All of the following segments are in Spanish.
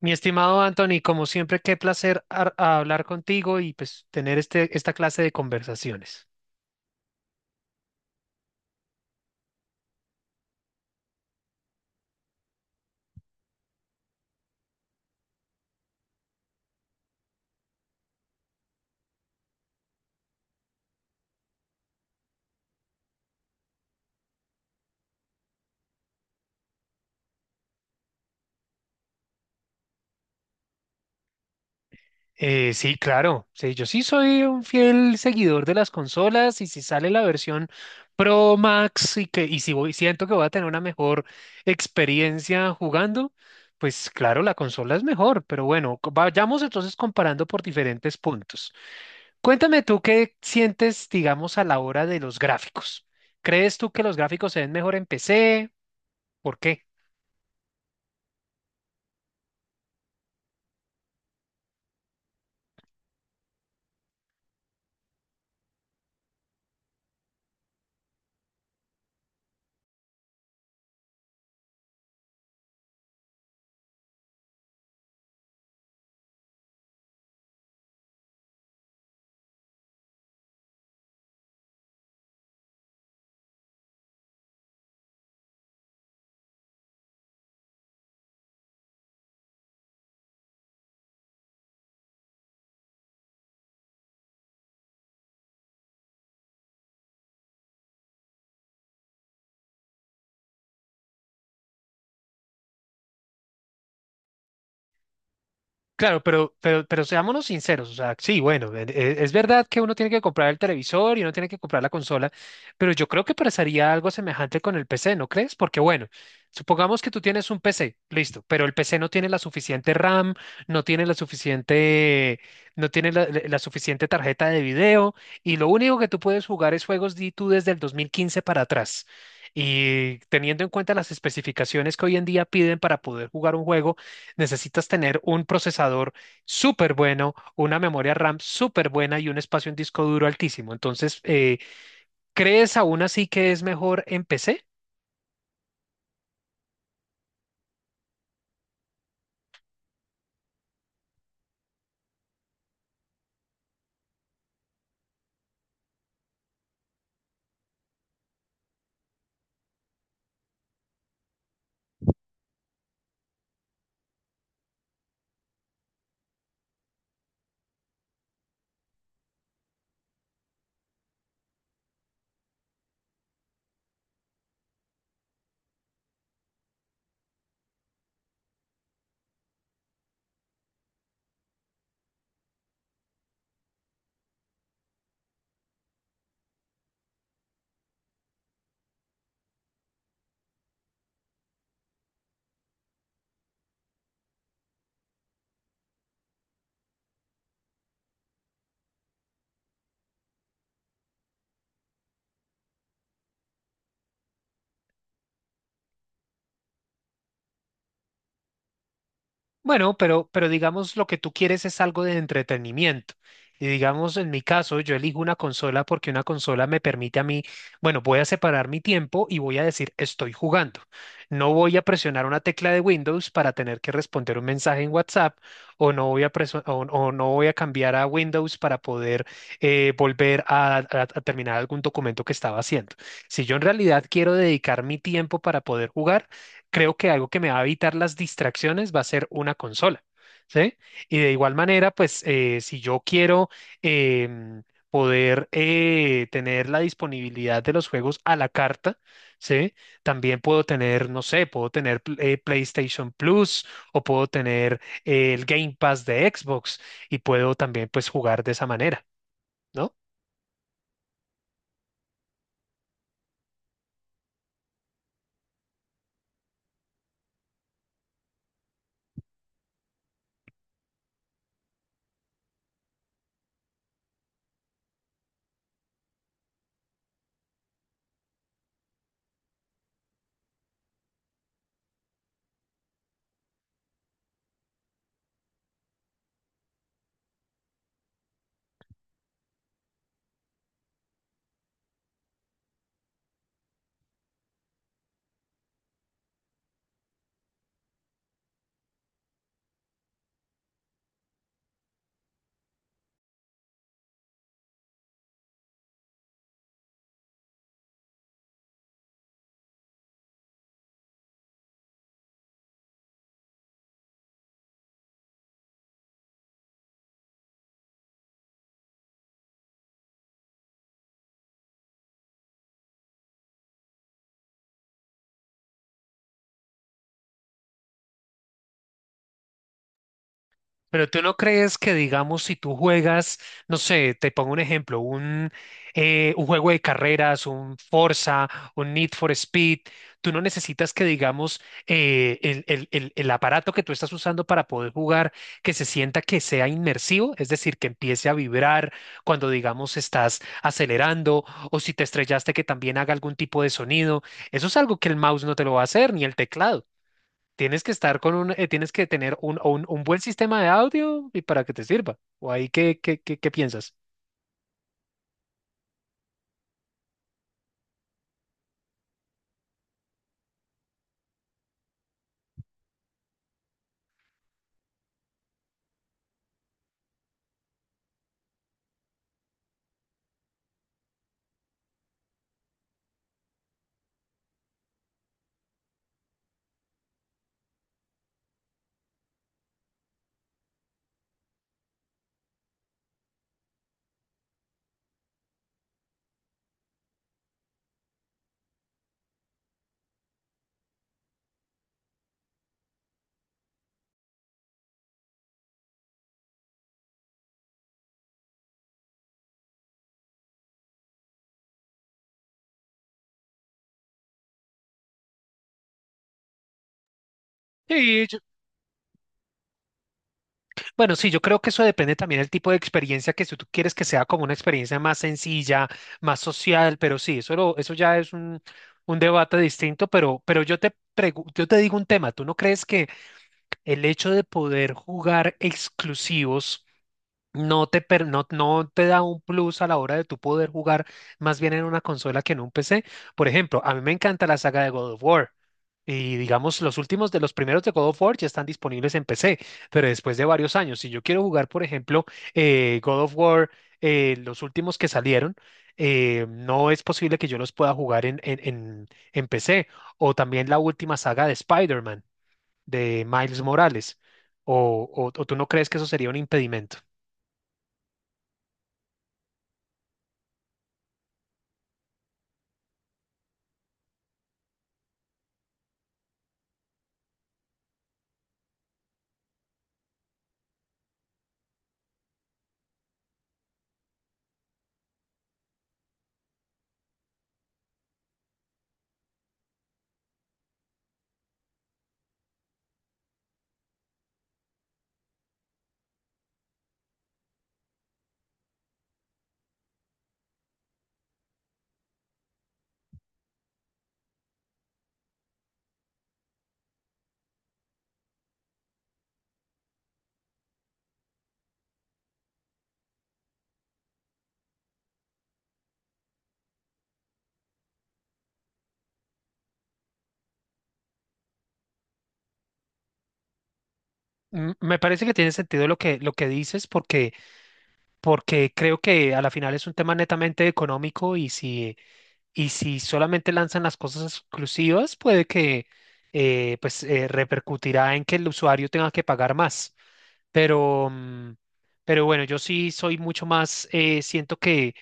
Mi estimado Anthony, como siempre, qué placer hablar contigo y pues tener esta clase de conversaciones. Sí, claro, sí, yo sí soy un fiel seguidor de las consolas y si sale la versión Pro Max y si voy, siento que voy a tener una mejor experiencia jugando, pues claro, la consola es mejor, pero bueno, vayamos entonces comparando por diferentes puntos. Cuéntame tú qué sientes, digamos, a la hora de los gráficos. ¿Crees tú que los gráficos se ven mejor en PC? ¿Por qué? Claro, pero seámonos sinceros, o sea, sí, bueno, es verdad que uno tiene que comprar el televisor y uno tiene que comprar la consola, pero yo creo que pasaría algo semejante con el PC, ¿no crees? Porque bueno, supongamos que tú tienes un PC, listo, pero el PC no tiene la suficiente RAM, no tiene la suficiente, no tiene la suficiente tarjeta de video y lo único que tú puedes jugar es juegos de tú desde el 2015 para atrás. Y teniendo en cuenta las especificaciones que hoy en día piden para poder jugar un juego, necesitas tener un procesador súper bueno, una memoria RAM súper buena y un espacio en disco duro altísimo. Entonces, ¿crees aún así que es mejor en PC? Bueno, pero digamos lo que tú quieres es algo de entretenimiento. Y digamos, en mi caso, yo elijo una consola porque una consola me permite a mí, bueno, voy a separar mi tiempo y voy a decir, estoy jugando. No voy a presionar una tecla de Windows para tener que responder un mensaje en WhatsApp o no voy a, preso- o no voy a cambiar a Windows para poder volver a terminar algún documento que estaba haciendo. Si yo en realidad quiero dedicar mi tiempo para poder jugar, creo que algo que me va a evitar las distracciones va a ser una consola, ¿sí? Y de igual manera, pues si yo quiero em, poder tener la disponibilidad de los juegos a la carta, ¿sí? También puedo tener, no sé, puedo tener PlayStation Plus o puedo tener el Game Pass de Xbox y puedo también pues jugar de esa manera. ¿No? Pero tú no crees que, digamos, si tú juegas, no sé, te pongo un ejemplo, un juego de carreras, un Forza, un Need for Speed, tú no necesitas que, digamos, el aparato que tú estás usando para poder jugar, que se sienta que sea inmersivo, es decir, que empiece a vibrar cuando, digamos, estás acelerando o si te estrellaste, que también haga algún tipo de sonido. Eso es algo que el mouse no te lo va a hacer, ni el teclado. Tienes que estar con tienes que tener un buen sistema de audio y para que te sirva. ¿O ahí qué piensas? Sí, bueno, sí, yo creo que eso depende también del tipo de experiencia que si tú quieres que sea como una experiencia más sencilla, más social, pero sí, eso, eso ya es un debate distinto, pero yo te digo un tema. ¿Tú no crees que el hecho de poder jugar exclusivos no te da un plus a la hora de tu poder jugar más bien en una consola que en un PC? Por ejemplo, a mí me encanta la saga de God of War. Y digamos, los últimos de los primeros de God of War ya están disponibles en PC, pero después de varios años, si yo quiero jugar, por ejemplo, God of War, los últimos que salieron, no es posible que yo los pueda jugar en PC. O también la última saga de Spider-Man, de Miles Morales. ¿O tú no crees que eso sería un impedimento? Me parece que tiene sentido lo que dices, porque creo que a la final es un tema netamente económico si solamente lanzan las cosas exclusivas, puede que pues, repercutirá en que el usuario tenga que pagar más. Pero, mm, pero bueno, yo sí soy mucho más, siento que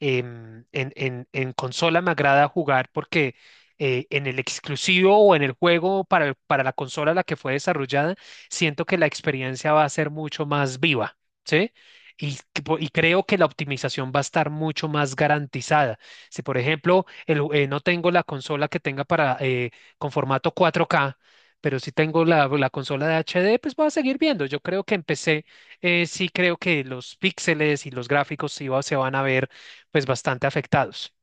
en consola me agrada jugar porque en el exclusivo o en el juego para, para la consola a la que fue desarrollada, siento que la experiencia va a ser mucho más viva, ¿sí? Y creo que la optimización va a estar mucho más garantizada. Si, por ejemplo, el no tengo la consola que tenga para con formato 4K, pero si tengo la consola de HD, pues voy a seguir viendo. Yo creo que empecé, Sí creo que los píxeles y los gráficos se van a ver pues bastante afectados.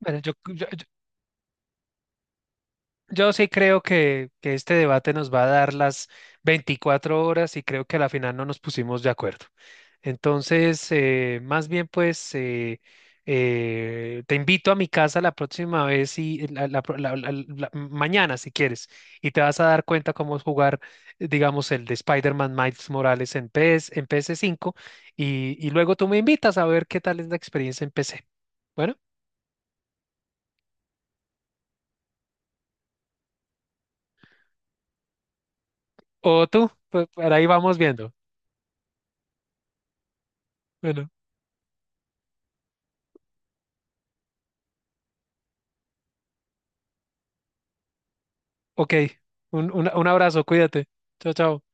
Bueno, yo sí creo que este debate nos va a dar las 24 horas y creo que a la final no nos pusimos de acuerdo. Entonces, más bien pues te invito a mi casa la próxima vez y la- la pro- la- la- la- mañana si quieres, y te vas a dar cuenta cómo es jugar, digamos, el de Spider-Man Miles Morales en en PS5, y luego tú me invitas a ver qué tal es la experiencia en PC. Bueno, o tú, pues, por ahí vamos viendo. Bueno, ok, un, un abrazo, cuídate. Chao, chao.